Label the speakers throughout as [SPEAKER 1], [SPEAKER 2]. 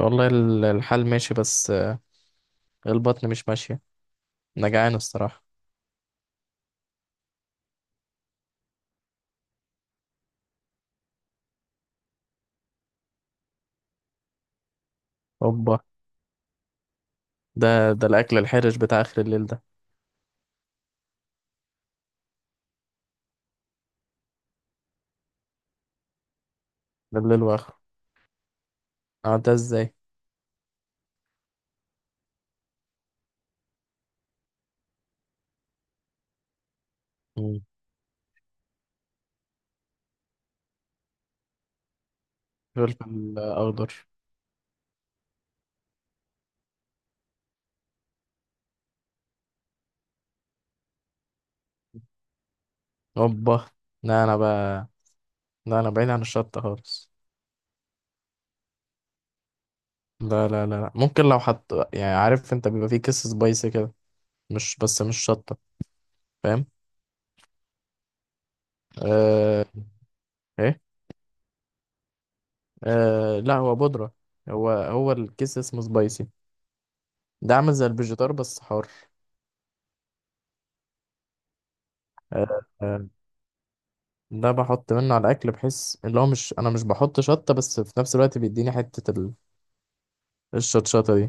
[SPEAKER 1] والله الحال ماشي، بس البطن مش ماشية. أنا جعان الصراحة. هوبا. ده ده الأكل الحرج بتاع آخر الليل ده. ده الليل وآخره. أه، ده إزاي؟ مم. فلفل أخضر. هوبا. لا، أنا بقى، لا أنا بعيد عن الشطة خالص. لا لا لا لا. ممكن لو حط، يعني عارف أنت بيبقى فيه كيس سبايسي كده، مش بس مش شطة. فاهم؟ آه. إيه. آه، لا هو بودرة. هو الكيس اسمه سبايسي. ده عامل زي الفيجيتار بس حار. آه. آه. ده بحط منه على الاكل بحيث اللي هو، مش انا مش بحط شطه، بس في نفس الوقت بيديني حته الشطشطه دي.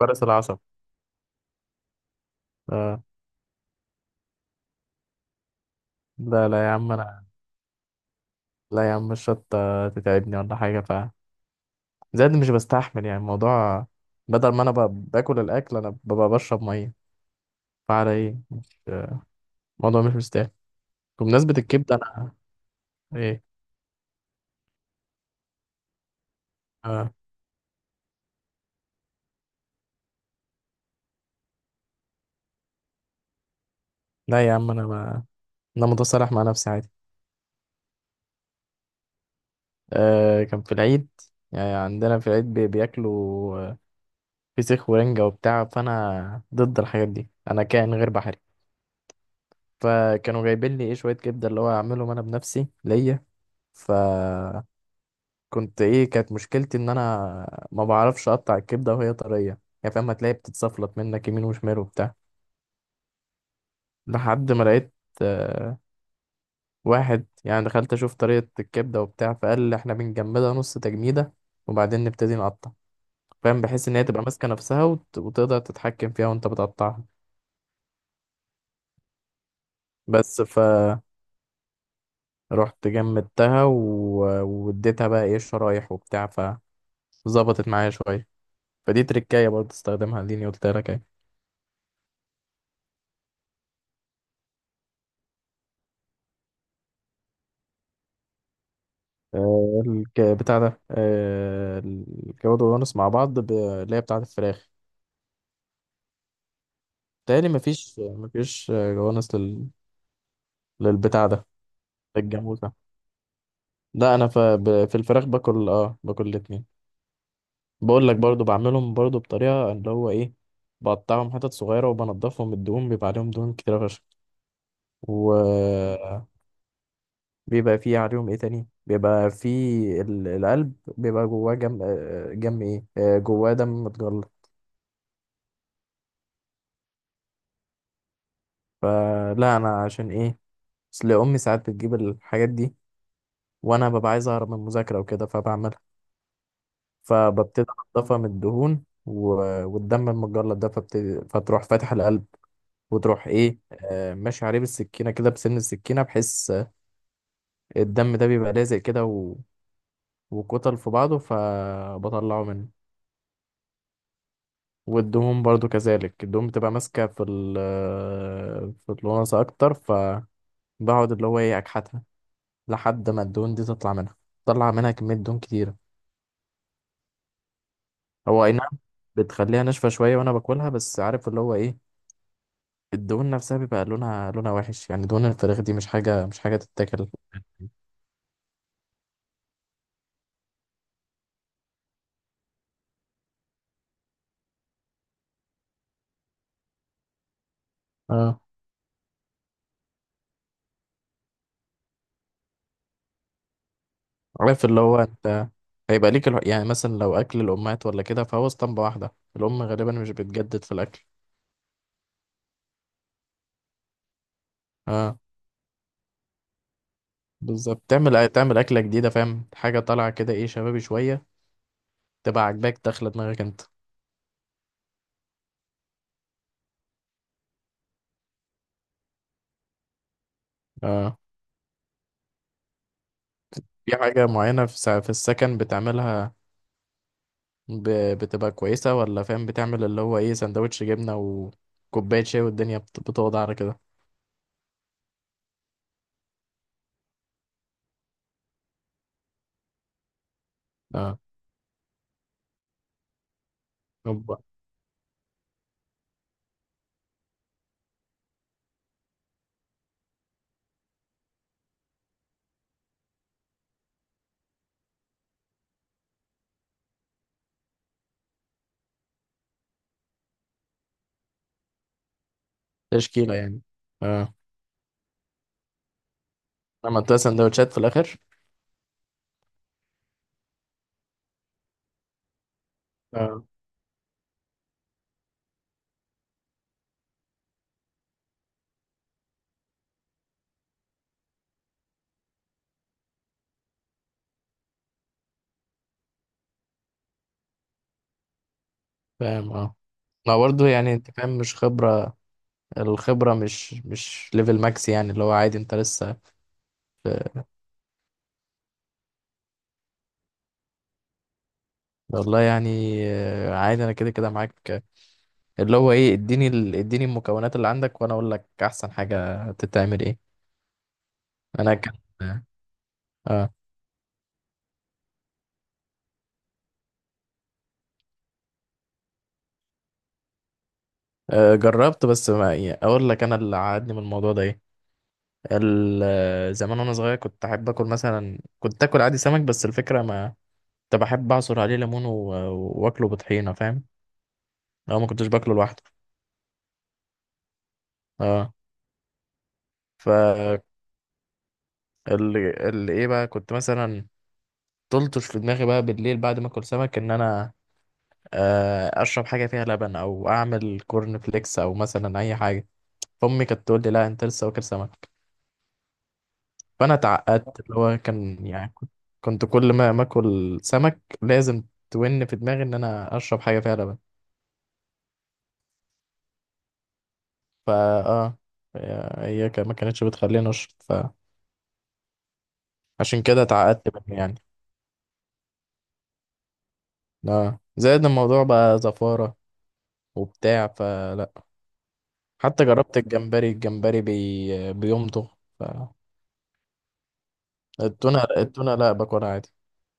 [SPEAKER 1] فرس العصب. آه. لا لا يا عم انا، لا يا عم الشطه تتعبني ولا حاجه. ف زائد مش بستحمل يعني الموضوع، بدل ما انا باكل الاكل انا ببقى بشرب ميه. فعلى ايه؟ مش الموضوع مش مستاهل. بمناسبه الكبده، انا. ايه؟ آه. لا يا عم انا ما، انا متصالح مع نفسي عادي. آه. كان في العيد، يعني عندنا في العيد بياكلوا فسيخ ورنجة وبتاع، فأنا ضد الحاجات دي، أنا كائن غير بحري. فكانوا جايبين لي إيه شوية كبدة اللي هو أعملهم أنا بنفسي ليا. فكنت، إيه، كانت مشكلتي إن أنا ما بعرفش أقطع الكبدة وهي طرية. يعني فاهم، هتلاقي بتتصفلت منك يمين وشمال وبتاع لحد ما لقيت آه، واحد، يعني دخلت أشوف طريقة الكبدة وبتاع فقال لي إحنا بنجمدها نص تجميدة وبعدين نبتدي نقطع. فاهم؟ بحيث إن هي تبقى ماسكة نفسها وتقدر تتحكم فيها وأنت بتقطعها. بس ف رحت جمدتها واديتها بقى ايه الشرايح وبتاع، فظبطت معايا شوية. فدي تركاية برضه استخدمها اللي قلت لك اهي. بتاع ده، الجواد والجوانس مع بعض اللي هي بتاعة الفراخ. تهيألي مفيش جوانس للبتاع ده، للجاموسة. لا أنا في الفراخ باكل، باكل الاتنين. بقول لك برضو بعملهم برضو بطريقة اللي هو ايه. بقطعهم حتت صغيرة وبنضفهم من الدهون، بيبقى عليهم دهون كتيرة فشخ. و بيبقى فيه عليهم ايه تاني، بيبقى فيه القلب بيبقى جواه جم ايه آه، جواه دم متجلط. فلا انا عشان ايه، اصل امي ساعات بتجيب الحاجات دي وانا ببقى عايز اهرب من المذاكره وكده فبعملها. فببتدي انضفها من الدهون والدم المتجلط ده، فبتدي فتروح فاتح القلب وتروح ايه ماشي عليه بالسكينه كده بسن السكينه بحيث الدم ده بيبقى لازق كده و وكتل في بعضه فبطلعه منه. والدهون برضو كذلك، الدهون بتبقى ماسكة في ال في الوناسة أكتر، فبقعد اللي هو إيه، أكحتها لحد ما الدهون دي تطلع منها، تطلع منها كمية دهون كتيرة. هو أي نعم، بتخليها ناشفة شوية وأنا باكلها، بس عارف اللي هو إيه، الدهون نفسها بيبقى لونها وحش، يعني دهون الفراخ دي مش حاجة مش حاجة تتاكل. اه. عارف اللي هو انت هيبقى ليك يعني مثلا لو اكل الامهات ولا كده فهو اسطمبة واحدة، الام غالبا مش بتجدد في الاكل. اه، بالظبط، تعمل اكله جديده، فاهم، حاجه طالعه كده، ايه، شبابي شويه، تبقى عاجباك داخله دماغك انت. اه، في حاجه معينه في في السكن بتعملها، ب... بتبقى كويسه؟ ولا فاهم بتعمل اللي هو ايه سندوتش جبنه وكوبايه شاي والدنيا بتوضع على كده. اه، هوبا. تشكيله يعني. اه. عملتها سندوتشات في الاخر. اه فاهم. اه، ما برضه يعني انت فاهم مش خبرة، الخبرة مش ليفل ماكس، يعني اللي هو عادي انت لسه. والله يعني عادي انا كده كده معاك. اللي هو ايه، اديني المكونات اللي عندك وانا اقول لك احسن حاجة تتعمل ايه. انا كان اه. جربت، بس ما يعني اقول لك انا اللي عادني من الموضوع ده ايه، ال... آه، زمان وانا صغير كنت احب اكل مثلا، كنت اكل عادي سمك، بس الفكرة ما، كنت بحب اعصر عليه ليمون و واكله بطحينة، فاهم، لو ما كنتش باكله لوحده. اه. ف ايه بقى، كنت مثلا تلطش في دماغي بقى بالليل بعد ما اكل سمك ان انا اشرب حاجه فيها لبن او اعمل كورن فليكس او مثلا اي حاجه. فامي كانت تقول لي، لا انت لسه واكل سمك. فانا اتعقدت، اللي هو كان يعني كنت كل ما اكل سمك لازم تون في دماغي ان انا اشرب حاجه فيها لبن. فا اه، هي ما كانتش بتخليني اشرب، فعشان كده اتعقدت منه يعني. اه، زائد الموضوع بقى زفاره وبتاع، فلا. حتى جربت الجمبري، الجمبري بيمضغ. التونة، التونة لا باكلها عادي،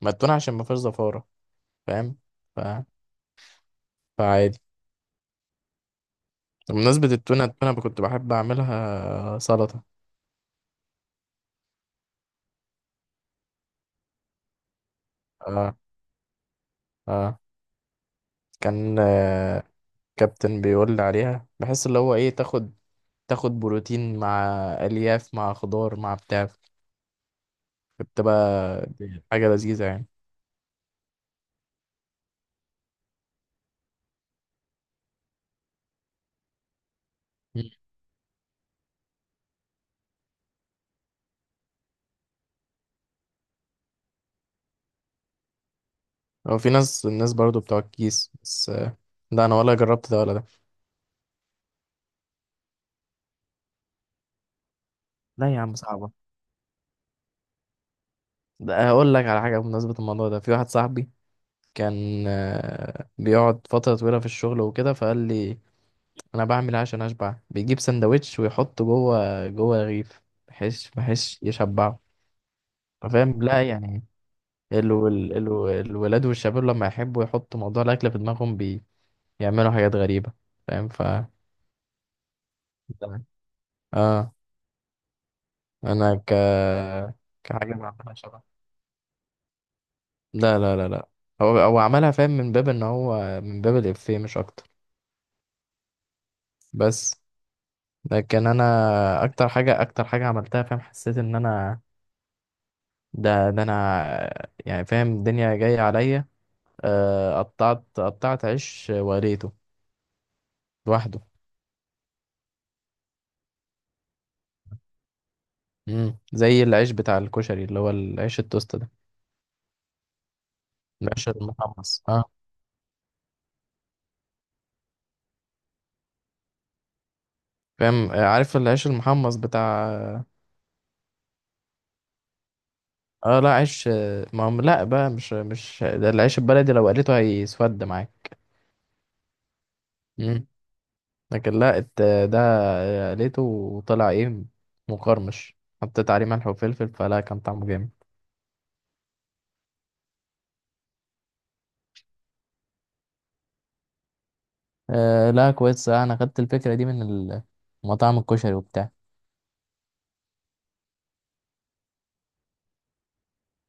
[SPEAKER 1] ما التونة عشان ما فيهاش زفارة، فاهم. ف... فعادي. بمناسبة التونة، التونة كنت بحب أعملها سلطة. آه. آه. كان آه، كابتن بيقول لي عليها، بحس اللي هو إيه، تاخد، تاخد بروتين مع ألياف مع خضار مع بتاع، بتبقى حاجة لذيذة يعني. مم. هو في ناس، الناس برضو بتوع الكيس بس آه، لا أنا ولا جربت ده ولا ده. لا يا عم صعبة. ده أقول لك على حاجة بمناسبة الموضوع ده، في واحد صاحبي كان بيقعد فترة طويلة في الشغل وكده، فقال لي أنا بعمل إيه عشان أشبع، بيجيب سندوتش ويحطه جوه جوه رغيف بحيث يشبعه. فاهم لا يعني الولاد والشباب لما يحبوا يحطوا موضوع الأكل في دماغهم بيعملوا حاجات غريبة. فاهم ف تمام. اه، أنا ك كحاجة بعملها شبه، لا لا لا لا، هو عملها فاهم من باب إن هو من باب الإفيه مش أكتر. بس لكن انا اكتر حاجه عملتها، فاهم حسيت ان انا، ده انا يعني، فاهم الدنيا جايه عليا، قطعت عيش وريته لوحده. زي العيش بتاع الكشري اللي هو العيش التوست ده، العيش المحمص اه. فاهم عارف العيش المحمص بتاع. اه لا عيش ما هم لا بقى مش ده العيش البلدي لو قليته هيسود. معاك. لكن لا ده لقيته وطلع ايه، مقرمش، حطيت عليه ملح وفلفل فلا، كان طعمه جامد. آه لا كويس انا خدت الفكرة دي من مطاعم الكشري وبتاع.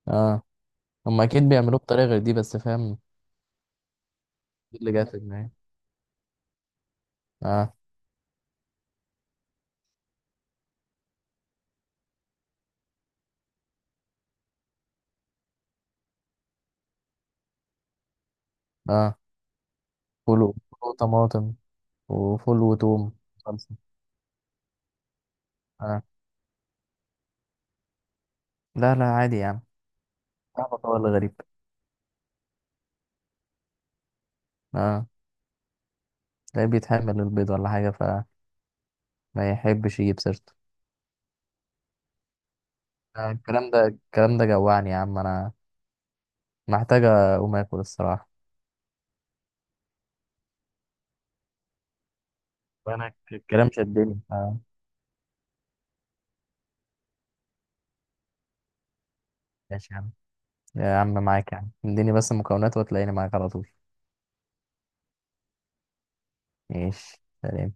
[SPEAKER 1] اه، هم اكيد بيعملوه بطريقة غير دي، بس فاهم دي اللي جات في دماغي. اه. اه، فول فول وطماطم وفول وتوم. خلصة. اه، لا لا عادي يعني، طعمه هو اللي غريب. اه، تلاقيه بيتحمل البيض ولا حاجة فما يحبش يجيب سيرته. الكلام ده الكلام ده جوعني يا عم انا، محتاجة أقوم آكل الصراحة. وانا الكلام كمان شدني آه. ماشي يا عم. يا عم معاك يا عم، اديني بس المكونات وتلاقيني معاك على طول. ماشي، سلام.